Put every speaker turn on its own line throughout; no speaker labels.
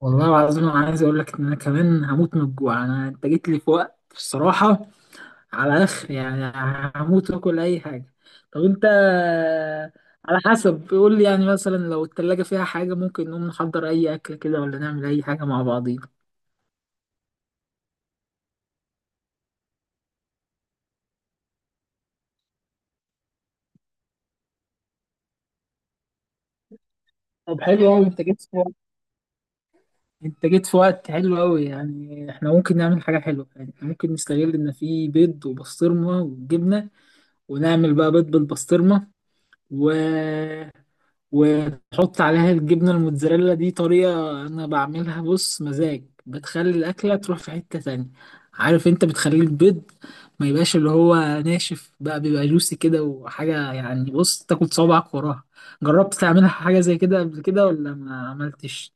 والله العظيم انا عايز اقول لك ان انا كمان هموت من الجوع. انت جيت لي في وقت الصراحه على اخر يعني. هموت واكل اي حاجه. طب انت، على حسب قول لي يعني، مثلا لو التلاجة فيها حاجه ممكن نقوم نحضر اي اكل كده، ولا نعمل اي حاجه مع بعضينا. طب حلو قوي، انت جيت في وقت حلو قوي، يعني احنا ممكن نعمل حاجه حلوه، يعني احنا ممكن نستغل ان في بيض وبسطرمه وجبنه، ونعمل بقى بيض بالبسطرمه و... وتحط عليها الجبنة الموتزاريلا. دي طريقة أنا بعملها، بص مزاج، بتخلي الأكلة تروح في حتة تانية. عارف أنت، بتخلي البيض ما يبقاش اللي هو ناشف، بقى بيبقى جوسي كده، وحاجة يعني بص تاكل صوابعك وراها. جربت تعملها حاجة زي كده قبل كده، ولا ما عملتش؟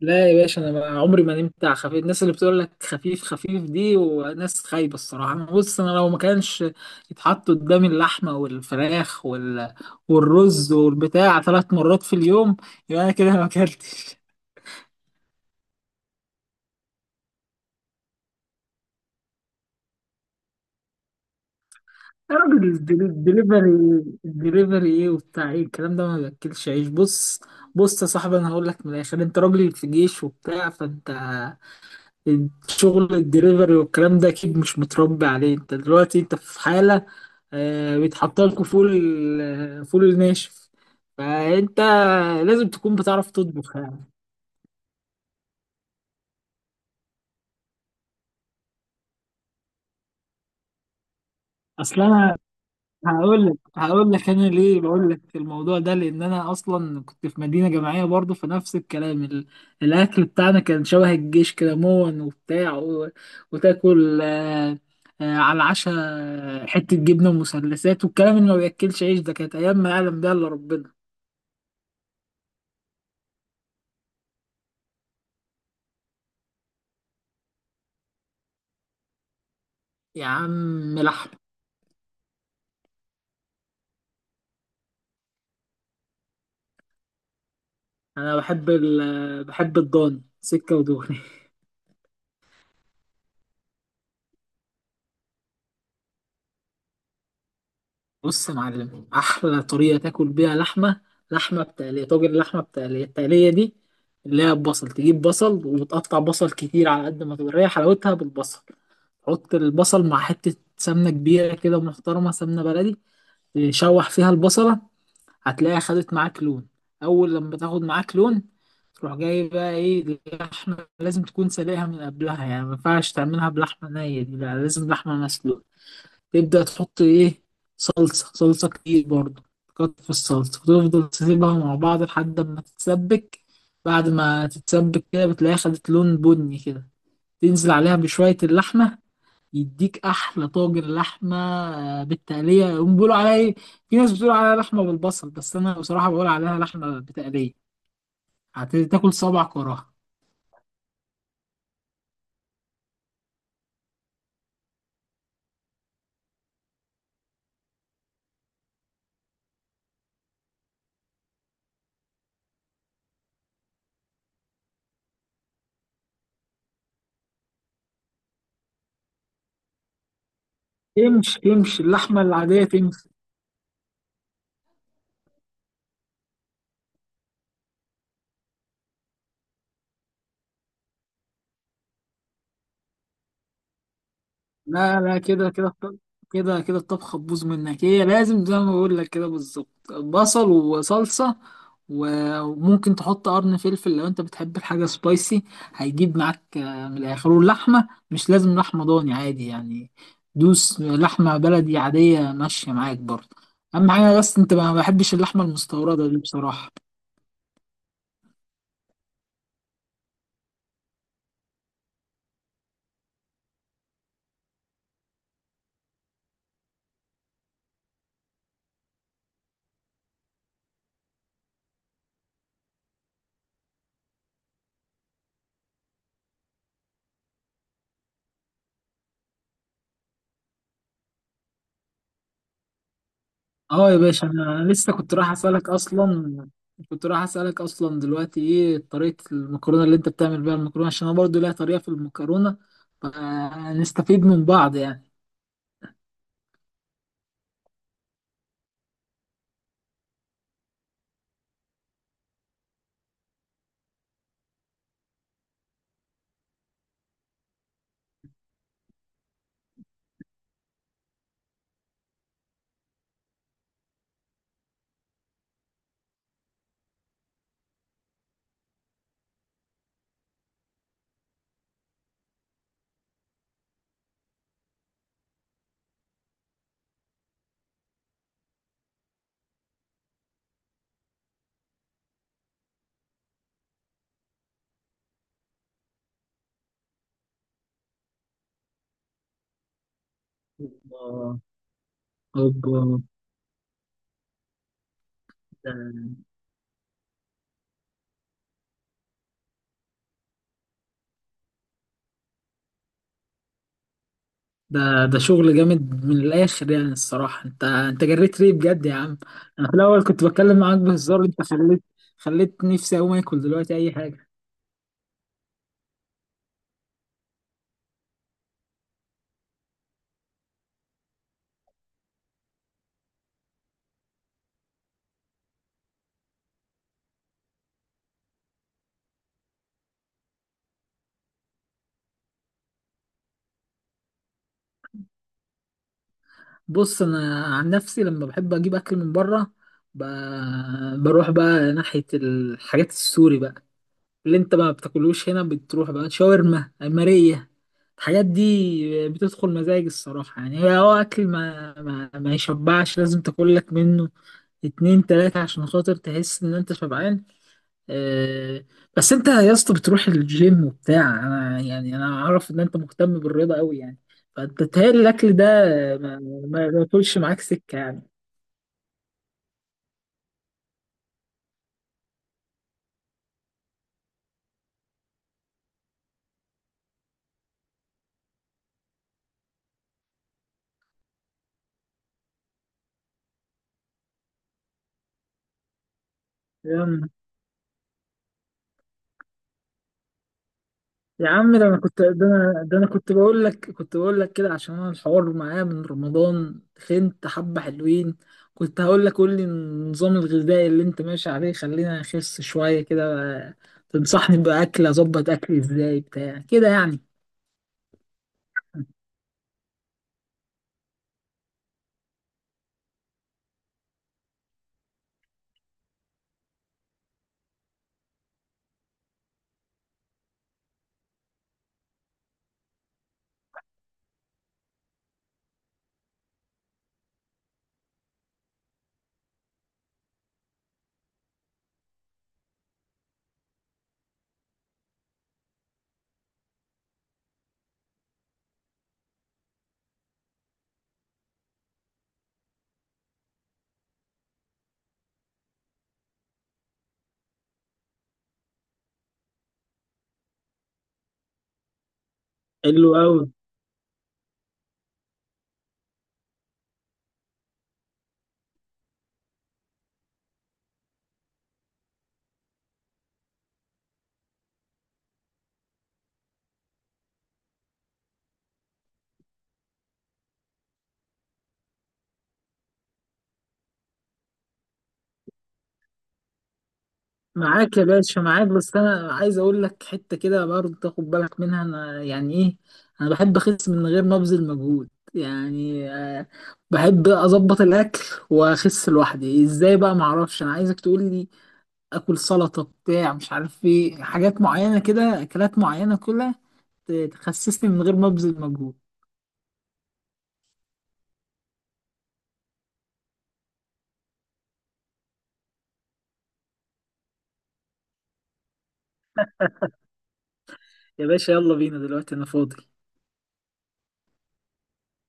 لا يا باشا، انا عمري ما نمت على خفيف. الناس اللي بتقول لك خفيف خفيف دي وناس خايبه الصراحه. أنا بص، انا لو ما كانش يتحط قدامي اللحمه والفراخ والرز والبتاع 3 مرات في اليوم، يبقى انا كده ما اكلتش يا راجل، الدليفري! الدليفري ايه، وبتاع ايه الكلام ده؟ ما باكلش عيش. بص، بص يا صاحبي، انا هقول لك من الاخر، انت راجل في جيش وبتاع، فانت شغل الدليفري والكلام ده اكيد مش متربي عليه. انت دلوقتي انت في حالة بيتحط لكم فول فول الناشف، فانت لازم تكون بتعرف تطبخ يعني. اصلا هقول لك انا ليه بقول لك الموضوع ده، لان انا اصلا كنت في مدينه جامعيه برضو، فنفس الكلام الاكل بتاعنا كان شبه الجيش كده، مون وبتاع وتاكل على العشاء حته جبنه ومثلثات، والكلام اللي ما بياكلش عيش ده، كانت ايام ما يعلم بيها الا ربنا. يا عم لحم! انا بحب بحب الضاني سكه ودغري. بص يا معلم، احلى طريقه تاكل بيها لحمه، لحمه بتقليه، طاجن لحمه بتقليه. التقليه دي اللي هي ببصل، تجيب بصل وتقطع بصل كتير على قد ما تقدر، هي حلاوتها بالبصل. حط البصل مع حته سمنه كبيره كده محترمه، سمنه بلدي، تشوح فيها البصله، هتلاقيها خدت معاك لون. اول لما تاخد معاك لون، تروح جاي بقى ايه، اللحمه لازم تكون سلقها من قبلها يعني، ما ينفعش تعملها بلحمه نيه دي، لا لازم لحمه مسلوقه. تبدأ تحط إيه؟ صلصة، صلصة كتير برضه، تكتر في الصلصة، وتفضل تسيبها مع بعض لحد ما تتسبك. بعد ما تتسبك كده بتلاقيها خدت لون بني كده، تنزل عليها بشوية اللحمة، يديك أحلى طاجن لحمة بالتقلية. هم بيقولوا عليها إيه، في ناس بتقول عليها لحمة بالبصل، بس أنا بصراحة بقول عليها لحمة بتقلية. هتاكل صبعك وراها. تمشي تمشي، اللحمة العادية تمشي. لا لا، كده كده الطبخة تبوظ منك. هي لازم زي ما بقول لك كده بالظبط، بصل وصلصة، وممكن تحط قرن فلفل لو انت بتحب الحاجة سبايسي، هيجيب معاك من الآخر. واللحمة مش لازم لحمة ضاني، عادي يعني، دوس لحمة بلدي عادية ماشية معاك برضه. أهم حاجة بس انت ما بحبش اللحمة المستوردة دي بصراحة. اه يا باشا، انا لسه كنت رايح اسالك اصلا، كنت رايح اسالك اصلا دلوقتي ايه طريقه المكرونه اللي انت بتعمل بيها المكرونه، عشان انا برضو ليا طريقه في المكرونه، فنستفيد من بعض يعني. اوبا! اوبا! ده، ده شغل جامد من الاخر يعني الصراحه. انت جريت ليه بجد يا عم. انا في الاول كنت بتكلم معاك بهزار، انت خليت نفسي اقوم اكل دلوقتي اي حاجه. بص، انا عن نفسي لما بحب اجيب اكل من بره، ب... بروح بقى ناحيه الحاجات السوري بقى، اللي انت ما بتاكلوش هنا، بتروح بقى شاورما ماريه. الحاجات دي بتدخل مزاج الصراحه يعني، هي هو اكل ما يشبعش، لازم تاكل لك منه اتنين تلاته عشان خاطر تحس ان انت شبعان. آه، بس انت يا اسطى بتروح الجيم وبتاع، انا يعني انا اعرف ان انت مهتم بالرياضه قوي يعني، فانت تهيألي الاكل ده ما ما ما ياكلش معاك سكه يعني. يا يا عم، ده انا كنت بقول لك، كنت بقول لك كده، عشان انا الحوار معايا من رمضان خنت حبه حلوين. كنت هقول لك قول لي النظام الغذائي اللي انت ماشي عليه، خلينا نخس شويه كده. تنصحني باكل، اظبط اكلي ازاي بتاع كده يعني. حلو قوي. معاك يا باشا معاك. بس انا عايز اقول لك حته كده برضه تاخد بالك منها. انا يعني ايه، انا بحب اخس من غير ما ابذل مجهود. يعني بحب اظبط الاكل واخس لوحدي ازاي، بقى معرفش، انا عايزك تقول لي اكل سلطه بتاع، مش عارف ايه، حاجات معينه كده، اكلات معينه كلها تخسسني من غير ما ابذل مجهود. يا باشا، يلا بينا دلوقتي انا فاضي.